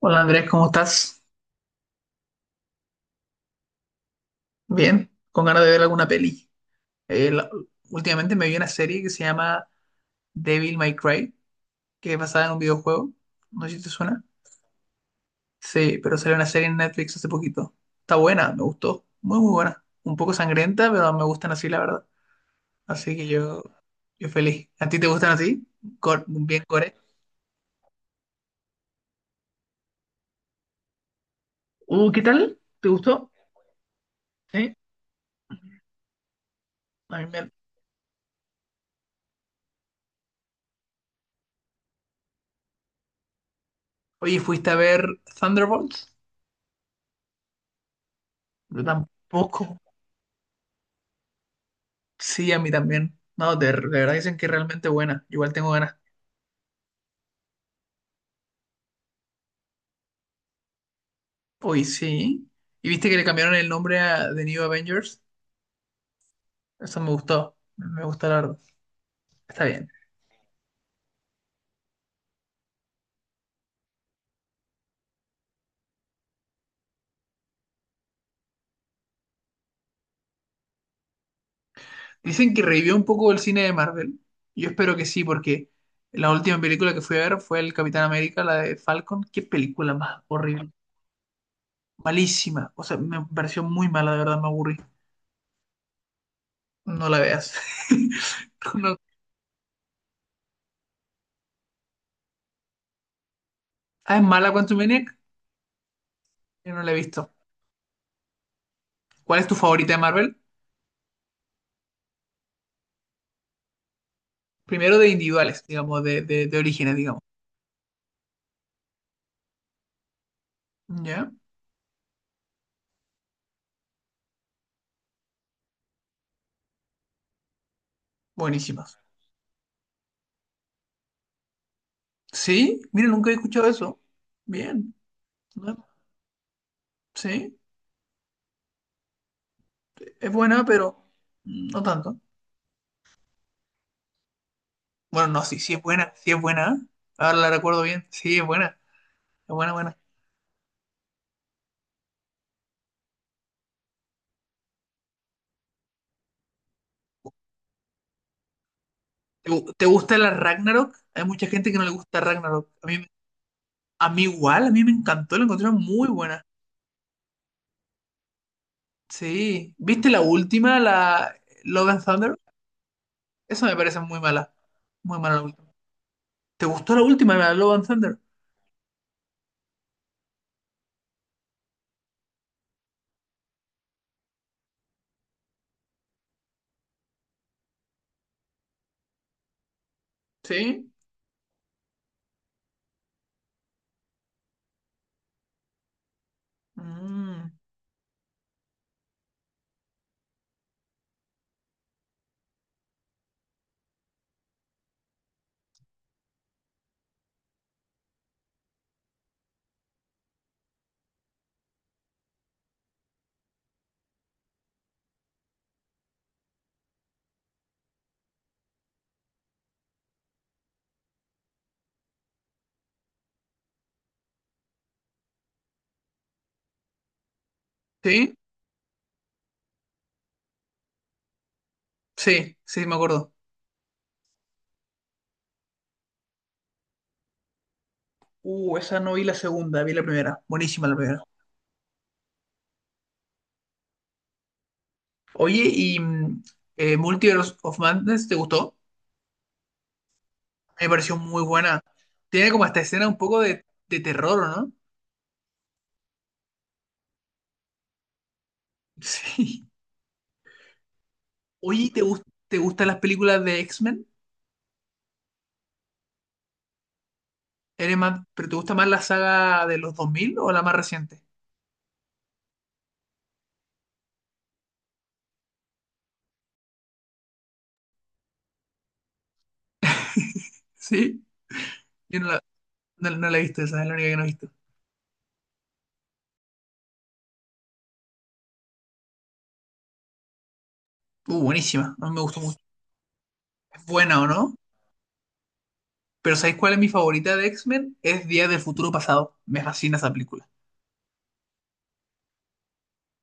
Hola Andrés, ¿cómo estás? Bien, con ganas de ver alguna peli. Eh, la- Últimamente me vi una serie que se llama Devil May Cry, que es basada en un videojuego. No sé si te suena. Sí, pero salió una serie en Netflix hace poquito. Está buena, me gustó. Muy, muy buena. Un poco sangrienta, pero me gustan así, la verdad. Así que yo feliz. ¿A ti te gustan así? Bien core. ¿Qué tal? ¿Te gustó? Sí. A mí me... Oye, ¿fuiste a ver Thunderbolts? Yo tampoco. Sí, a mí también. No, de verdad dicen que es realmente buena. Igual tengo ganas. Uy, sí. ¿Y viste que le cambiaron el nombre a The New Avengers? Eso me gustó. Me gusta la verdad. Está bien. Dicen que revivió un poco el cine de Marvel. Yo espero que sí, porque la última película que fui a ver fue el Capitán América, la de Falcon. Qué película más horrible. Malísima. O sea, me pareció muy mala, de verdad, me aburrí. No la veas. No. Ah, ¿es mala Quantumaniac? Yo no la he visto. ¿Cuál es tu favorita de Marvel? Primero de individuales, digamos, de orígenes, digamos. ¿Ya? Buenísimas. Sí, mira, nunca he escuchado eso. Bien. ¿No? Sí, es buena, pero no tanto. Bueno, no, sí, sí es buena, sí es buena. Ahora la recuerdo bien. Sí, es buena, buena. ¿Te, te gusta la Ragnarok? Hay mucha gente que no le gusta Ragnarok. A mí igual, a mí me encantó, la encontré muy buena. Sí. ¿Viste la última, la Love and Thunder? Esa me parece muy mala. Muy mala la última. ¿Te gustó la última, la Love and Thunder? ¿Sí? Mm, ¿Sí? Sí, sí, me acuerdo. Esa no vi la segunda, vi la primera. Buenísima la primera. Oye, ¿y Multiverse of Madness te gustó? Me pareció muy buena. Tiene como esta escena un poco de terror, ¿o no? Sí. Oye, ¿te te gustan las películas de X-Men? ¿Eres más, pero te gusta más la saga de los 2000 o la más reciente? Sí. Yo no la, No la he visto, esa es la única que no he visto. Buenísima, a mí me gustó mucho. Es buena, ¿o no? Pero ¿sabéis cuál es mi favorita de X-Men? Es Día del Futuro Pasado. Me fascina esa película.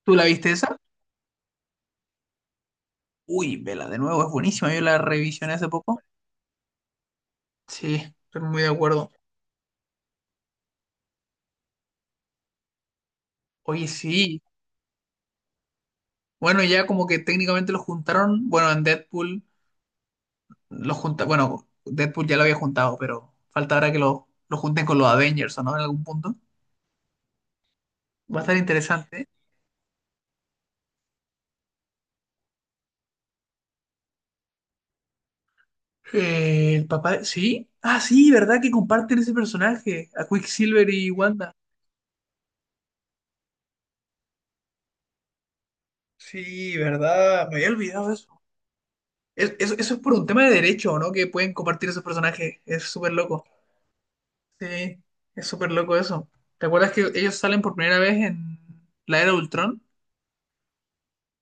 ¿Tú la viste esa? Uy, vela de nuevo, es buenísima. Yo la revisioné hace poco. Sí, estoy muy de acuerdo. Oye, sí. Bueno, ya como que técnicamente lo juntaron. Bueno, en Deadpool lo junta. Bueno, Deadpool ya lo había juntado, pero falta ahora que lo junten con los Avengers, ¿o no? En algún punto. Va a estar interesante. Sí. Ah, sí, ¿verdad? Que comparten ese personaje. A Quicksilver y Wanda. Sí, ¿verdad? Me había olvidado eso. Eso, eso es por un tema de derecho, ¿no? Que pueden compartir esos personajes. Es súper loco. Sí, es súper loco eso. ¿Te acuerdas que ellos salen por primera vez en la Era de Ultron?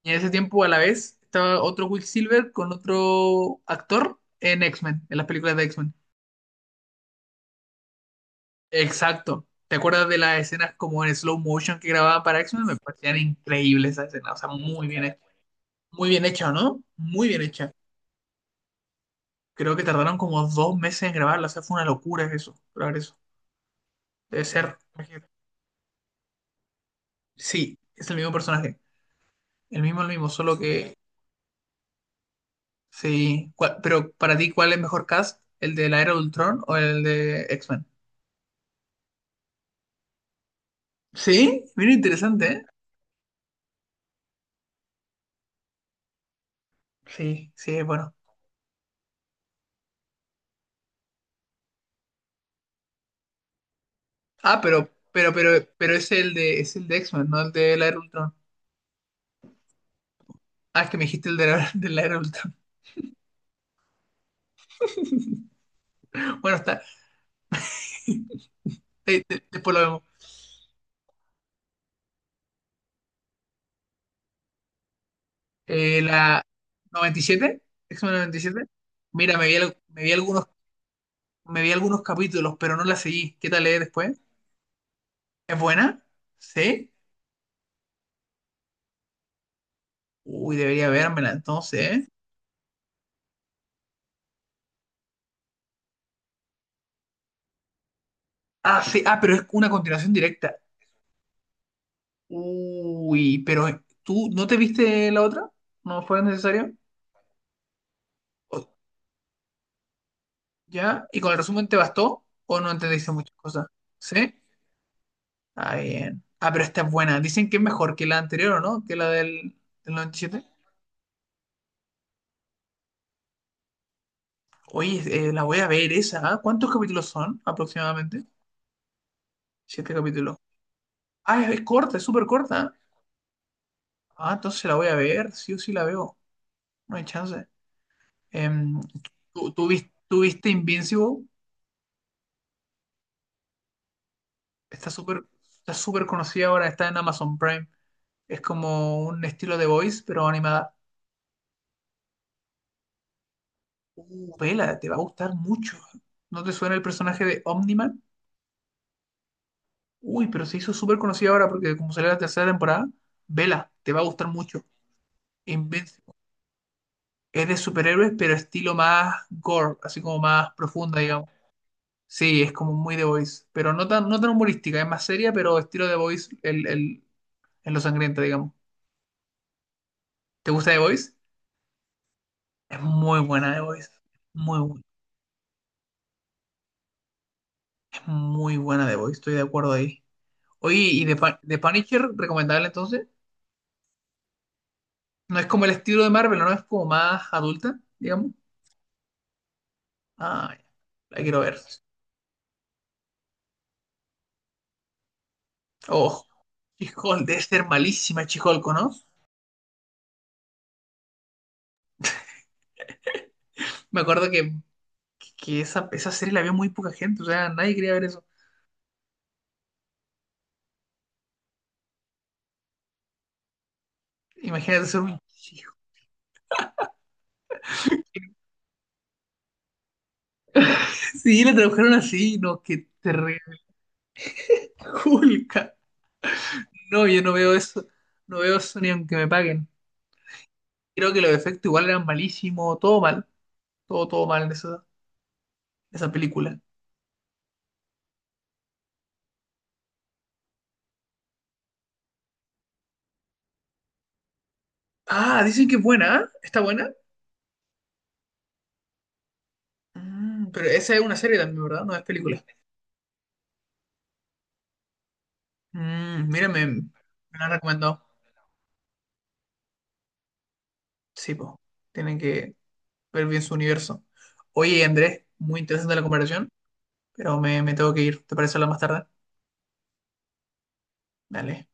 Y en ese tiempo a la vez estaba otro Quicksilver con otro actor en X-Men, en las películas de X-Men. Exacto. ¿Te acuerdas de las escenas como en slow motion que grababan para X-Men? Me parecían increíbles esas escenas. O sea, muy bien hecha. Muy bien hecha, ¿no? Muy bien hecha. Creo que tardaron como 2 meses en grabarla. O sea, fue una locura eso, lograr eso. Debe ser. Sí, es el mismo personaje. El mismo, solo que. Sí. Pero para ti, ¿cuál es mejor cast? ¿El de la Era de Ultron o el de X-Men? Sí, mira, interesante, ¿eh? Sí, sí, es bueno. Ah, pero es el de X-Men, no el de la Era de Ultron. Ah, es que me dijiste el de la, de la Era de Ultron. Bueno, está. Después lo vemos. La 97, X-Men 97. Mira, me vi algunos capítulos, pero no la seguí. ¿Qué tal es después? ¿Es buena? ¿Sí? Uy, debería vérmela entonces, ¿eh? Ah, sí, ah, pero es una continuación directa. Uy, pero ¿tú no te viste la otra? ¿No fue necesario? O- ¿Ya? ¿Y con el resumen te bastó? ¿O no entendiste muchas cosas? ¿Sí? Ah, bien. Ah, pero esta es buena. Dicen que es mejor que la anterior, ¿o no? Que del 97. Oye, la voy a ver esa. ¿Ah? ¿Cuántos capítulos son aproximadamente? Siete capítulos. Ah, es corta, es súper corta. Ah, entonces la voy a ver. Sí o sí la veo. No hay chance. Em, ¿Tú viste Invincible? Está súper Está súper conocida ahora, está en Amazon Prime. Es como un estilo de Voice, pero animada. Vela, te va a gustar mucho. ¿No te suena el personaje de Omniman? Uy, pero se hizo súper conocida ahora porque como salió la tercera temporada, vela, te va a gustar mucho. Invincible. Es de superhéroes, pero estilo más gore, así como más profunda, digamos. Sí, es como muy The Voice, pero no tan humorística, es más seria, pero estilo The Voice en lo sangrienta, digamos. ¿Te gusta The Voice? Es muy buena The Voice. Muy, es muy buena The Voice, estoy de acuerdo ahí. Oye, ¿y The Punisher recomendable entonces? No es como el estilo de Marvel, ¿no? Es como más adulta, digamos. Ah, ya. La quiero ver. Oh, She-Hulk, debe ser malísima She-Hulk, ¿o no? Me acuerdo que esa serie la vio muy poca gente, o sea, nadie quería ver eso. Imagínate ser un chico. Sí, la trabajaron así, no, que te re- Hulk. No, yo no veo eso, no veo eso ni aunque me paguen. Creo que los efectos igual eran malísimos, todo mal, todo, todo mal en esa película. Ah, dicen que es buena, ¿ah? ¿Está buena? Mm, pero esa es una serie también, ¿verdad? No es película. Mm, mira, me la han recomendado. Sí, pues, tienen que ver bien su universo. Oye, Andrés, muy interesante la comparación, pero me tengo que ir. ¿Te parece hablar más tarde? Dale.